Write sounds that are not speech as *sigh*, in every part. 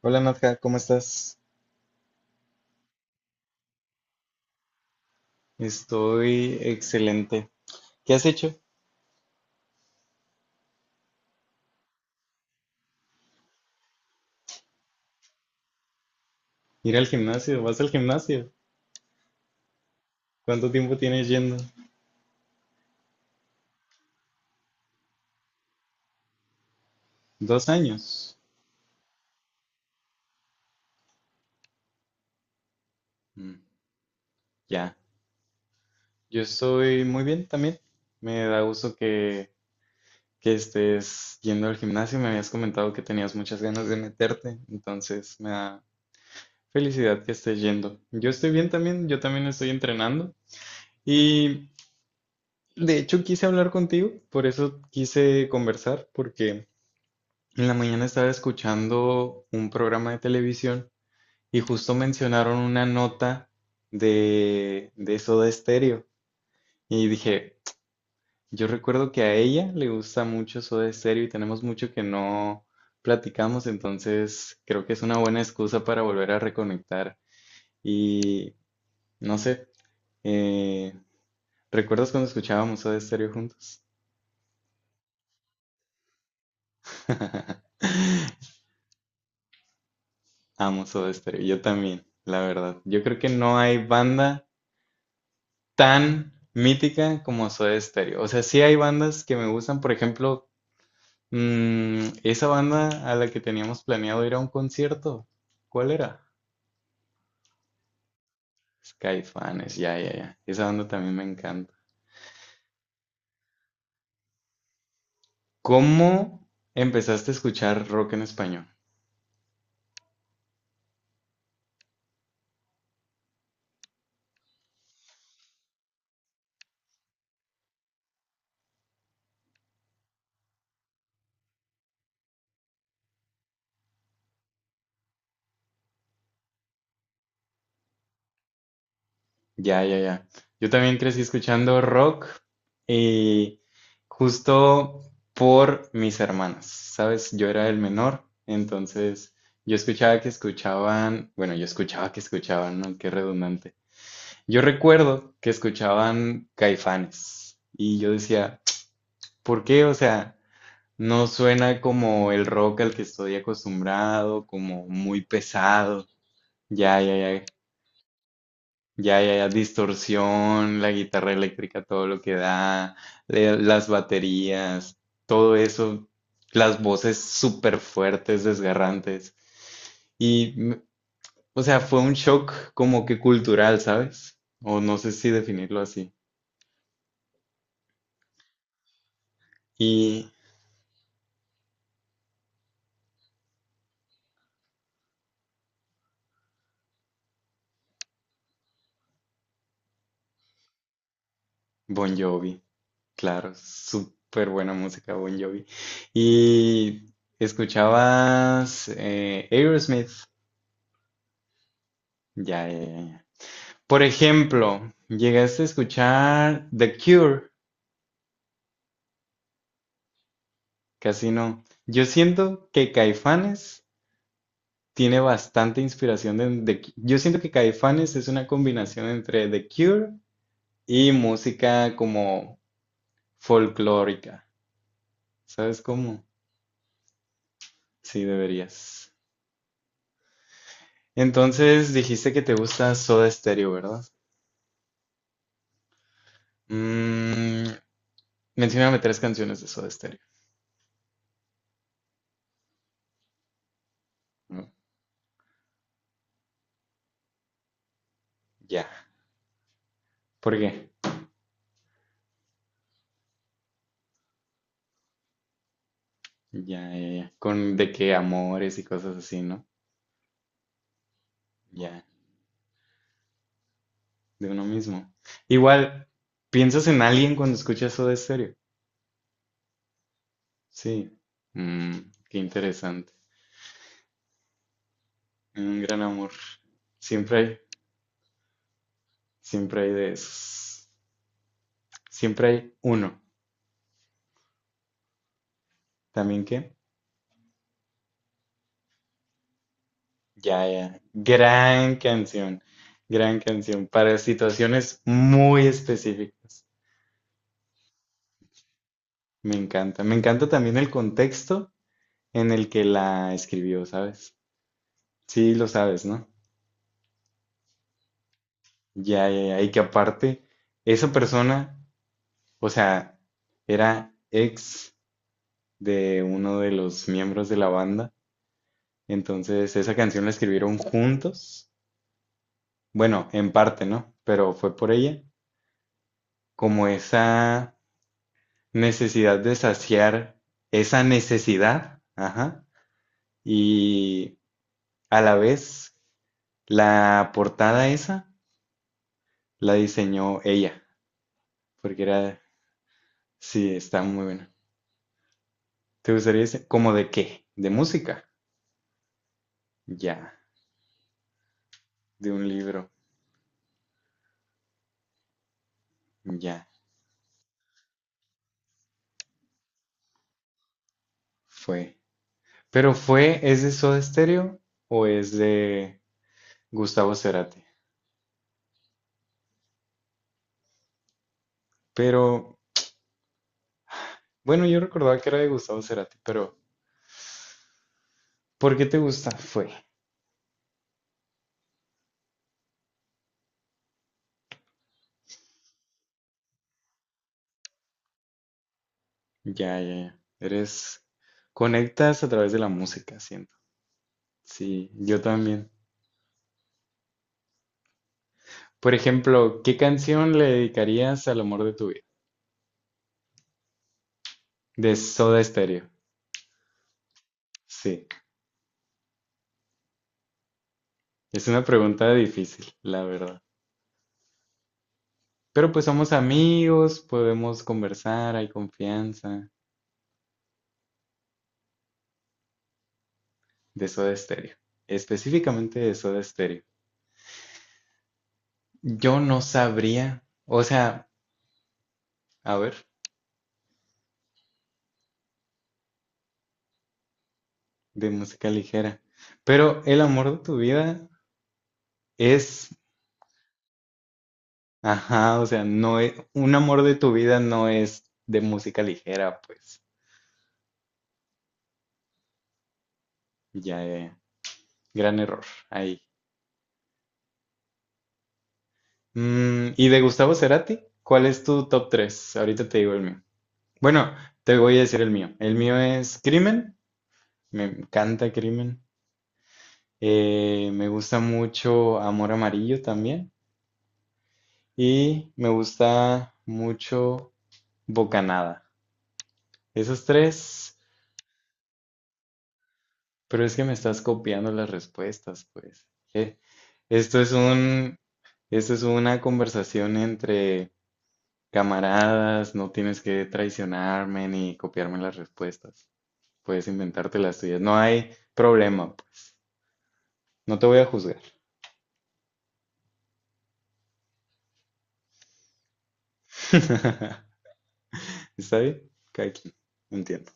Hola Nadja, ¿cómo estás? Estoy excelente. ¿Qué has hecho? Ir al gimnasio, vas al gimnasio. ¿Cuánto tiempo tienes yendo? Dos años. Mm, ya. Yo estoy muy bien también. Me da gusto que estés yendo al gimnasio. Me habías comentado que tenías muchas ganas de meterte, entonces me da felicidad que estés yendo. Yo estoy bien también, yo también estoy entrenando. Y de hecho quise hablar contigo, por eso quise conversar, porque... En la mañana estaba escuchando un programa de televisión y justo mencionaron una nota de Soda Stereo. Y dije, yo recuerdo que a ella le gusta mucho Soda Stereo y tenemos mucho que no platicamos, entonces creo que es una buena excusa para volver a reconectar. Y no sé, eh, ¿recuerdas cuando escuchábamos Soda Stereo juntos? *laughs* Amo Soda Stereo, yo también, la verdad. Yo creo que no hay banda tan mítica como Soda Stereo. O sea, sí hay bandas que me gustan, por ejemplo, esa banda a la que teníamos planeado ir a un concierto, ¿cuál era? Skyfanes, ya, ya, ya. Esa banda también me encanta. ¿Cómo empezaste a escuchar rock en español? Ya, ya, ya. Yo también crecí escuchando rock y justo por mis hermanas, ¿sabes? Yo era el menor, entonces yo escuchaba que escuchaban, bueno, yo escuchaba que escuchaban, ¿no? Qué redundante. Yo recuerdo que escuchaban Caifanes y yo decía, ¿por qué? O sea, no suena como el rock al que estoy acostumbrado, como muy pesado. Ya, ya, ya. Ya, ya, ya, distorsión, la guitarra eléctrica, todo lo que da, las baterías, todo eso, las voces súper fuertes, desgarrantes. Y, o sea, fue un shock como que cultural, ¿sabes? O no sé si definirlo así. Y Bon Jovi, claro, súper buena música Bon Jovi. Y escuchabas Aerosmith, ya, ya, ya. Ya. Por ejemplo, ¿llegaste a escuchar The Cure? Casi no. Yo siento que Caifanes tiene bastante inspiración de Yo siento que Caifanes es una combinación entre The Cure y música como folclórica. ¿Sabes cómo? Sí, deberías. Entonces dijiste que te gusta Soda Stereo, ¿verdad? Mm, mencióname tres canciones de Soda Stereo. Mm, ya. ¿Por qué? Ya, ya, ya. Con de que amores y cosas así, ¿no? Ya, de uno mismo. Igual, ¿piensas en alguien cuando escuchas Soda Stereo? Sí. Mm, qué interesante. Un gran amor. Siempre siempre hay de esos. Siempre hay uno. ¿También qué? Ya, ya. Gran canción. Gran canción. Para situaciones muy específicas. Me encanta. Me encanta también el contexto en el que la escribió, ¿sabes? Sí, lo sabes, ¿no? Ya, ya, ya. Y que aparte, esa persona. O sea, era ex de uno de los miembros de la banda. Entonces, esa canción la escribieron juntos. Bueno, en parte, ¿no? Pero fue por ella. Como esa necesidad de saciar esa necesidad. Ajá. Y a la vez, la portada esa la diseñó ella. Porque era, sí, está muy buena. ¿Te gustaría ese- como de qué? ¿De música? Ya. ¿De un libro? Ya. Fue. Pero fue, ¿es de Soda Stereo o es de Gustavo Cerati? Pero, bueno, yo recordaba que era de Gustavo Cerati, pero ¿por qué te gusta? Fue. Ya, ya, ya. Eres, conectas a través de la música, siento. Sí, yo también. Por ejemplo, ¿qué canción le dedicarías al amor de tu vida? De Soda Stereo. Sí, es una pregunta difícil, la verdad. Pero pues somos amigos, podemos conversar, hay confianza. De Soda Stereo, específicamente de Soda Stereo. Yo no sabría, o sea, a ver, de música ligera, pero el amor de tu vida es, ajá, o sea, no es, un amor de tu vida no es de música ligera, pues, ya, gran error ahí. Mm, ¿y de Gustavo Cerati? ¿Cuál es tu top 3? Ahorita te digo el mío. Bueno, te voy a decir el mío. El mío es Crimen, me encanta Crimen. Me gusta mucho Amor Amarillo también. Y me gusta mucho Bocanada. Esos tres, pero es que me estás copiando las respuestas, pues. Eh, esto es un, esto es una conversación entre camaradas, no tienes que traicionarme ni copiarme las respuestas. Puedes inventarte las tuyas. No hay problema, pues. No te voy a juzgar. *laughs* ¿Está bien? Cada quien, entiendo.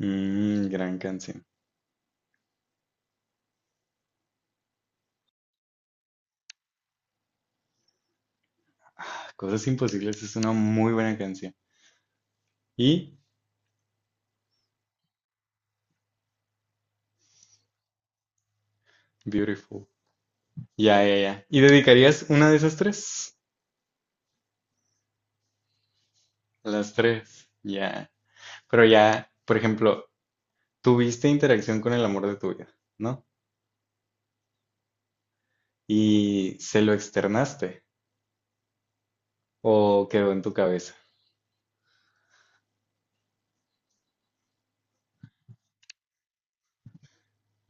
Mm, gran canción. Cosas Imposibles es una muy buena canción. Y Beautiful. Ya, ya, ya. ¿Y dedicarías una de esas tres? Las tres. Ya. Pero ya, por ejemplo, tuviste interacción con el amor de tu vida, ¿no? Y se lo externaste o quedó en tu cabeza.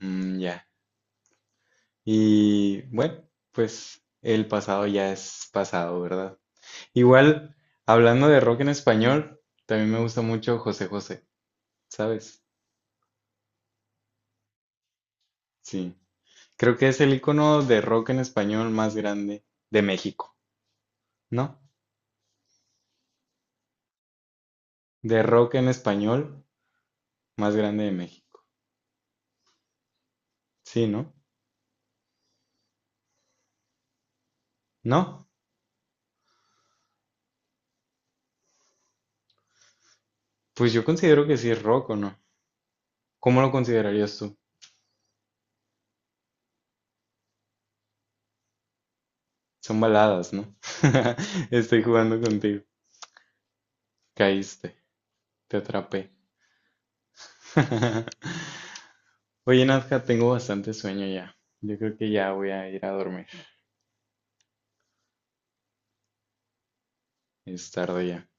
Mm, ya. Y bueno, pues el pasado ya es pasado, ¿verdad? Igual, hablando de rock en español, también me gusta mucho José José, ¿sabes? Sí. Creo que es el icono de rock en español más grande de México, ¿no? De rock en español más grande de México. Sí, ¿no? ¿No? Pues yo considero que sí es rock o no. ¿Cómo lo considerarías tú? Son baladas, ¿no? *laughs* Estoy jugando contigo. Caíste, te atrapé. *laughs* Oye, Nazca, tengo bastante sueño ya. Yo creo que ya voy a ir a dormir. Es tarde ya.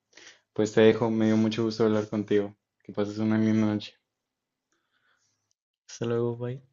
Pues te dejo, me dio mucho gusto hablar contigo. Que pases una linda noche. Hasta luego, bye.